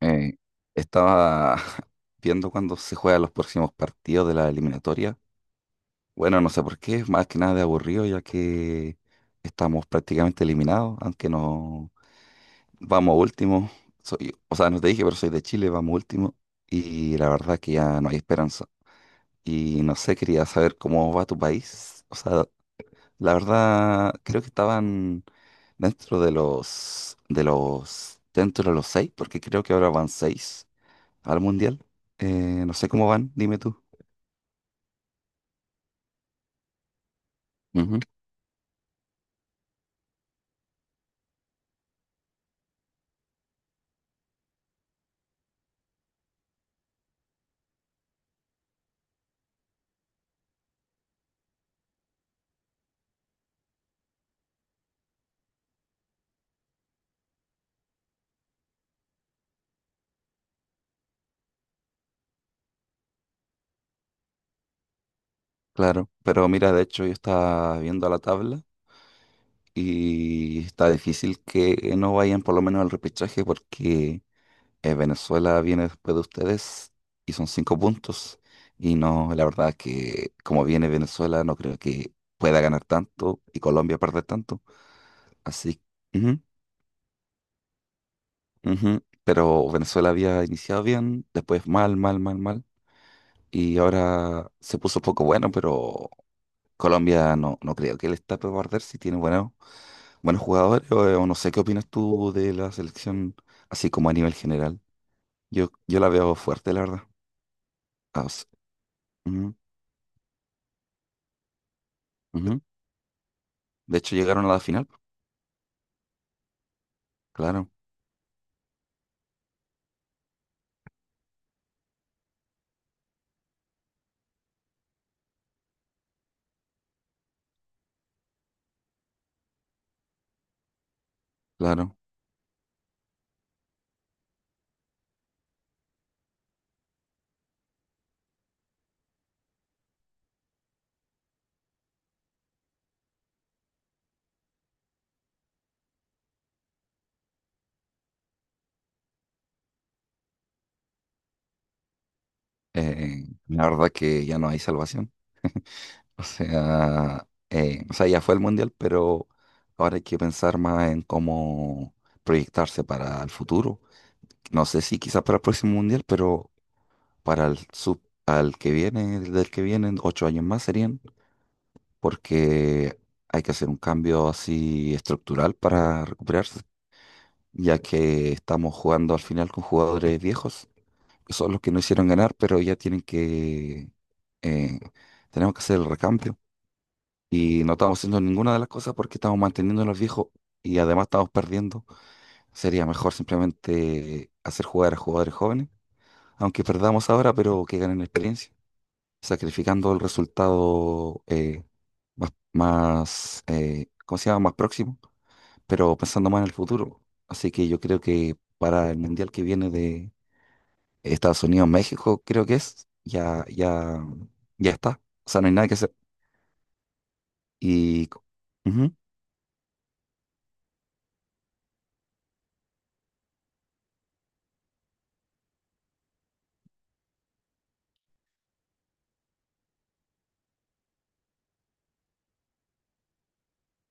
Eh, estaba viendo cuándo se juegan los próximos partidos de la eliminatoria. Bueno, no sé por qué, más que nada de aburrido, ya que estamos prácticamente eliminados, aunque no vamos último. Soy, o sea, no te dije, pero soy de Chile, vamos último. Y la verdad que ya no hay esperanza. Y no sé, quería saber cómo va tu país. O sea, la verdad, creo que estaban dentro de dentro de los seis, porque creo que ahora van seis al mundial. No sé cómo van, dime tú. Ujú. Claro, pero mira, de hecho yo estaba viendo la tabla y está difícil que no vayan por lo menos al repechaje porque Venezuela viene después de ustedes y son cinco puntos. Y no, la verdad que como viene Venezuela no creo que pueda ganar tanto y Colombia perder tanto. Así, ujú, ujú. Pero Venezuela había iniciado bien, después mal, mal, mal, mal. Y ahora se puso poco bueno, pero Colombia no, no creo que le está para guardar si tiene buenos, buenos jugadores o no sé qué opinas tú de la selección así como a nivel general. Yo la veo fuerte, la verdad. Ah, ujú, ujú. De hecho, llegaron a la final. Claro, claro. La verdad que ya no hay salvación. O sea, ya fue el mundial, pero ahora hay que pensar más en cómo proyectarse para el futuro. No sé si quizás para el próximo mundial, pero para el sub, al que viene, del que vienen, 8 años más serían, porque hay que hacer un cambio así estructural para recuperarse, ya que estamos jugando al final con jugadores viejos, que son los que no hicieron ganar, pero ya eh, tenemos que hacer el recambio. Y no estamos haciendo ninguna de las cosas porque estamos manteniendo a los viejos y además estamos perdiendo. Sería mejor simplemente hacer jugar a jugadores jóvenes, aunque perdamos ahora, pero que ganen experiencia. Sacrificando el resultado más, más ¿cómo se llama? Más próximo, pero pensando más en el futuro. Así que yo creo que para el mundial que viene de Estados Unidos, México, creo que es, ya, ya, ya está. O sea, no hay nada que hacer. Y ujú,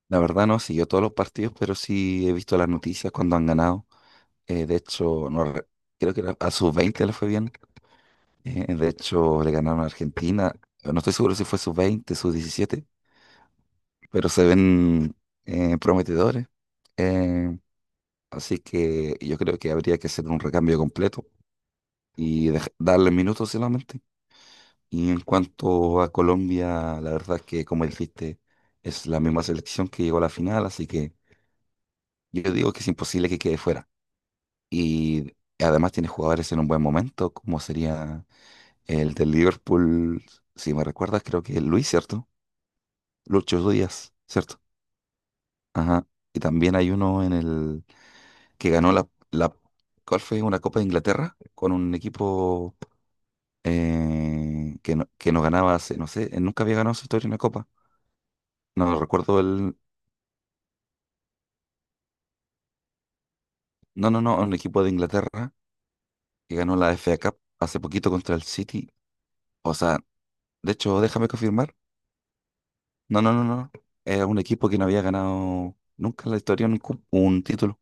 la verdad no he seguido todos los partidos, pero sí he visto las noticias cuando han ganado. De hecho, no, creo que a sus 20 le fue bien. De hecho, le ganaron a Argentina. No estoy seguro si fue sub-20 sub-17 pero se ven prometedores. Eh, así que yo creo que habría que hacer un recambio completo y darle minutos solamente. Y en cuanto a Colombia, la verdad es que, como dijiste, es la misma selección que llegó a la final, así que yo digo que es imposible que quede fuera. Y además tiene jugadores en un buen momento, como sería el del Liverpool, si me recuerdas, creo que es Luis, ¿cierto? Lucho Díaz, ¿cierto? Ajá. Y también hay uno en el que ganó la, ¿cuál fue? Una Copa de Inglaterra con un equipo que no ganaba hace, no sé, nunca había ganado en su historia una copa. No recuerdo el. No, no, no, un equipo de Inglaterra que ganó la FA Cup hace poquito contra el City. O sea, de hecho, déjame confirmar. No, no, no, no. Era un equipo que no había ganado nunca en la historia un título.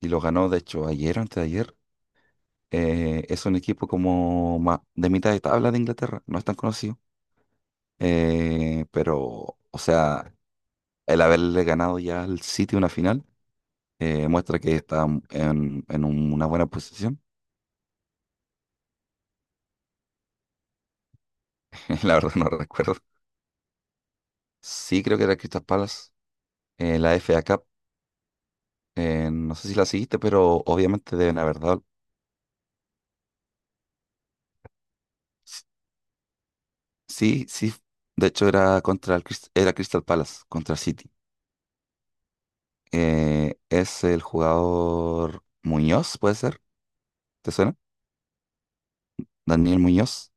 Y lo ganó, de hecho, ayer o antes de ayer. Es un equipo como de mitad de tabla de Inglaterra. No es tan conocido. Pero, o sea, el haberle ganado ya al City una final muestra que está en una buena posición. La verdad no recuerdo. Sí, creo que era Crystal Palace, la FA Cup. No sé si la seguiste, pero obviamente deben haber dado. Sí, sí. De hecho, era contra el era Crystal Palace, contra City. Es el jugador Muñoz, ¿puede ser? ¿Te suena? Daniel Muñoz.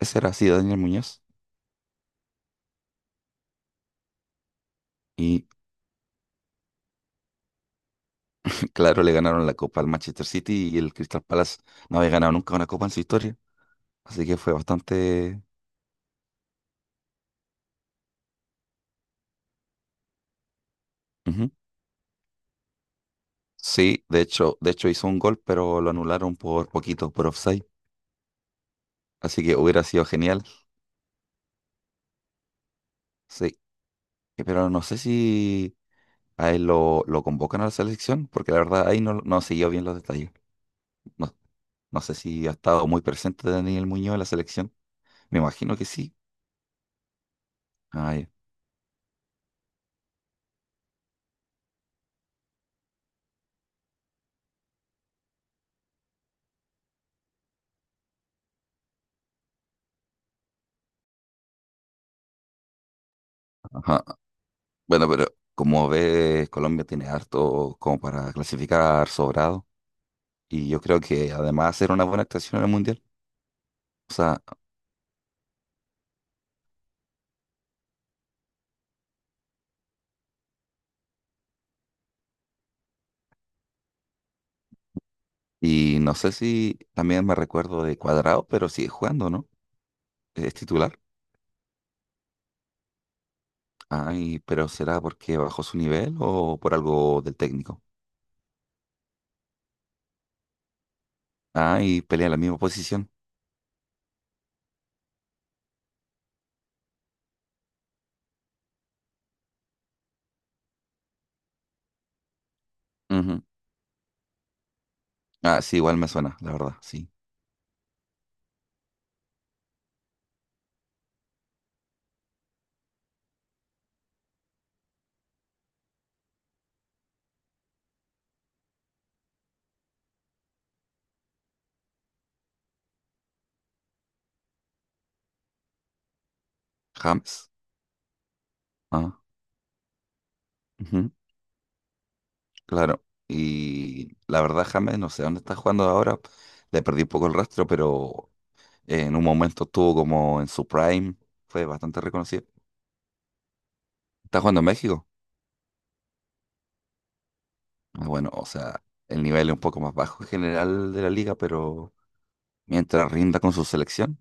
Ese era, sí, Daniel Muñoz. Claro, le ganaron la copa al Manchester City y el Crystal Palace no había ganado nunca una copa en su historia. Así que fue bastante. Ujú. Sí, de hecho, hizo un gol, pero lo anularon por poquito, por offside. Así que hubiera sido genial. Sí, Pero no sé si a él lo convocan a la selección, porque la verdad ahí no, no siguió bien los detalles. No, no sé si ha estado muy presente Daniel Muñoz en la selección. Me imagino que sí. Ah, ya. Ajá. Bueno, pero como ves, Colombia tiene harto como para clasificar sobrado. Y yo creo que además era una buena actuación en el Mundial. O sea, y no sé si también me recuerdo de Cuadrado, pero sigue jugando, ¿no? Es titular. Ay, pero ¿será porque bajó su nivel o por algo del técnico? Ah, y pelea en la misma posición. Ujú. Ah, sí, igual me suena, la verdad, sí. James. Ah, ujú, claro. Y la verdad, James, no sé dónde está jugando ahora. Le perdí un poco el rastro, pero en un momento estuvo como en su prime. Fue bastante reconocido. ¿Está jugando en México? Ah, bueno, o sea, el nivel es un poco más bajo en general de la liga, pero mientras rinda con su selección,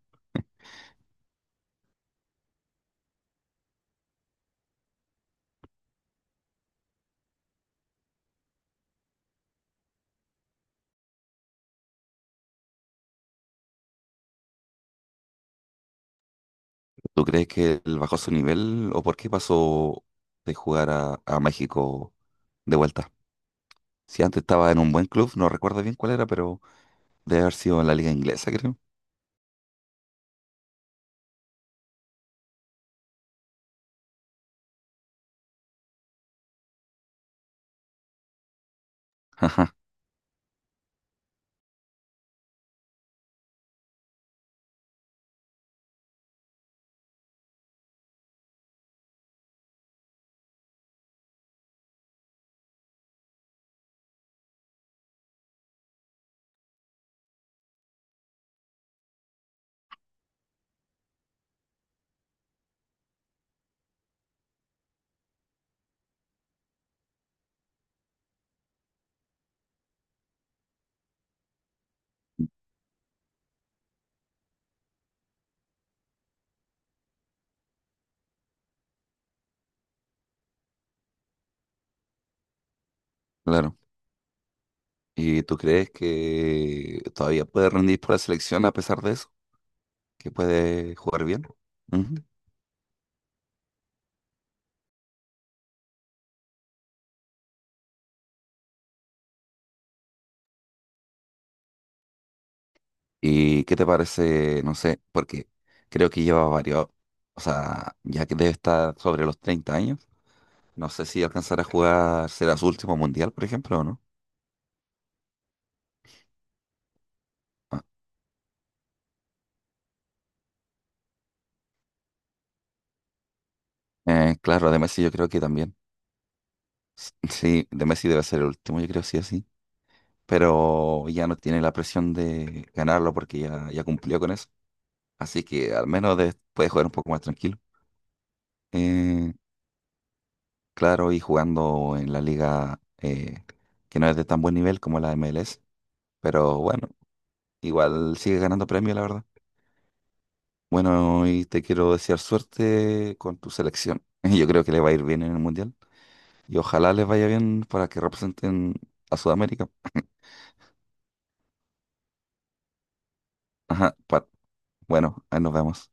¿tú crees que él bajó su nivel o por qué pasó de jugar a México de vuelta? Si antes estaba en un buen club, no recuerdo bien cuál era, pero debe haber sido en la liga inglesa, creo. Ajá, claro. ¿Y tú crees que todavía puede rendir por la selección a pesar de eso? ¿Que puede jugar bien? Ujú. ¿Y qué te parece? No sé, porque creo que lleva varios, o sea, ya que debe estar sobre los 30 años, no sé si alcanzará a jugar, será su último mundial, por ejemplo, o no. Ah, claro, de Messi yo creo que también. Sí, de Messi debe ser el último, yo creo sí o sí. Pero ya no tiene la presión de ganarlo porque ya cumplió con eso. Así que al menos puede jugar un poco más tranquilo. Eh, claro, y jugando en la liga que no es de tan buen nivel como la MLS. Pero bueno. Igual sigue ganando premios la verdad. Bueno, y te quiero desear suerte con tu selección. Yo creo que le va a ir bien en el Mundial. Y ojalá les vaya bien para que representen a Sudamérica. Ajá, bueno, ahí nos vemos.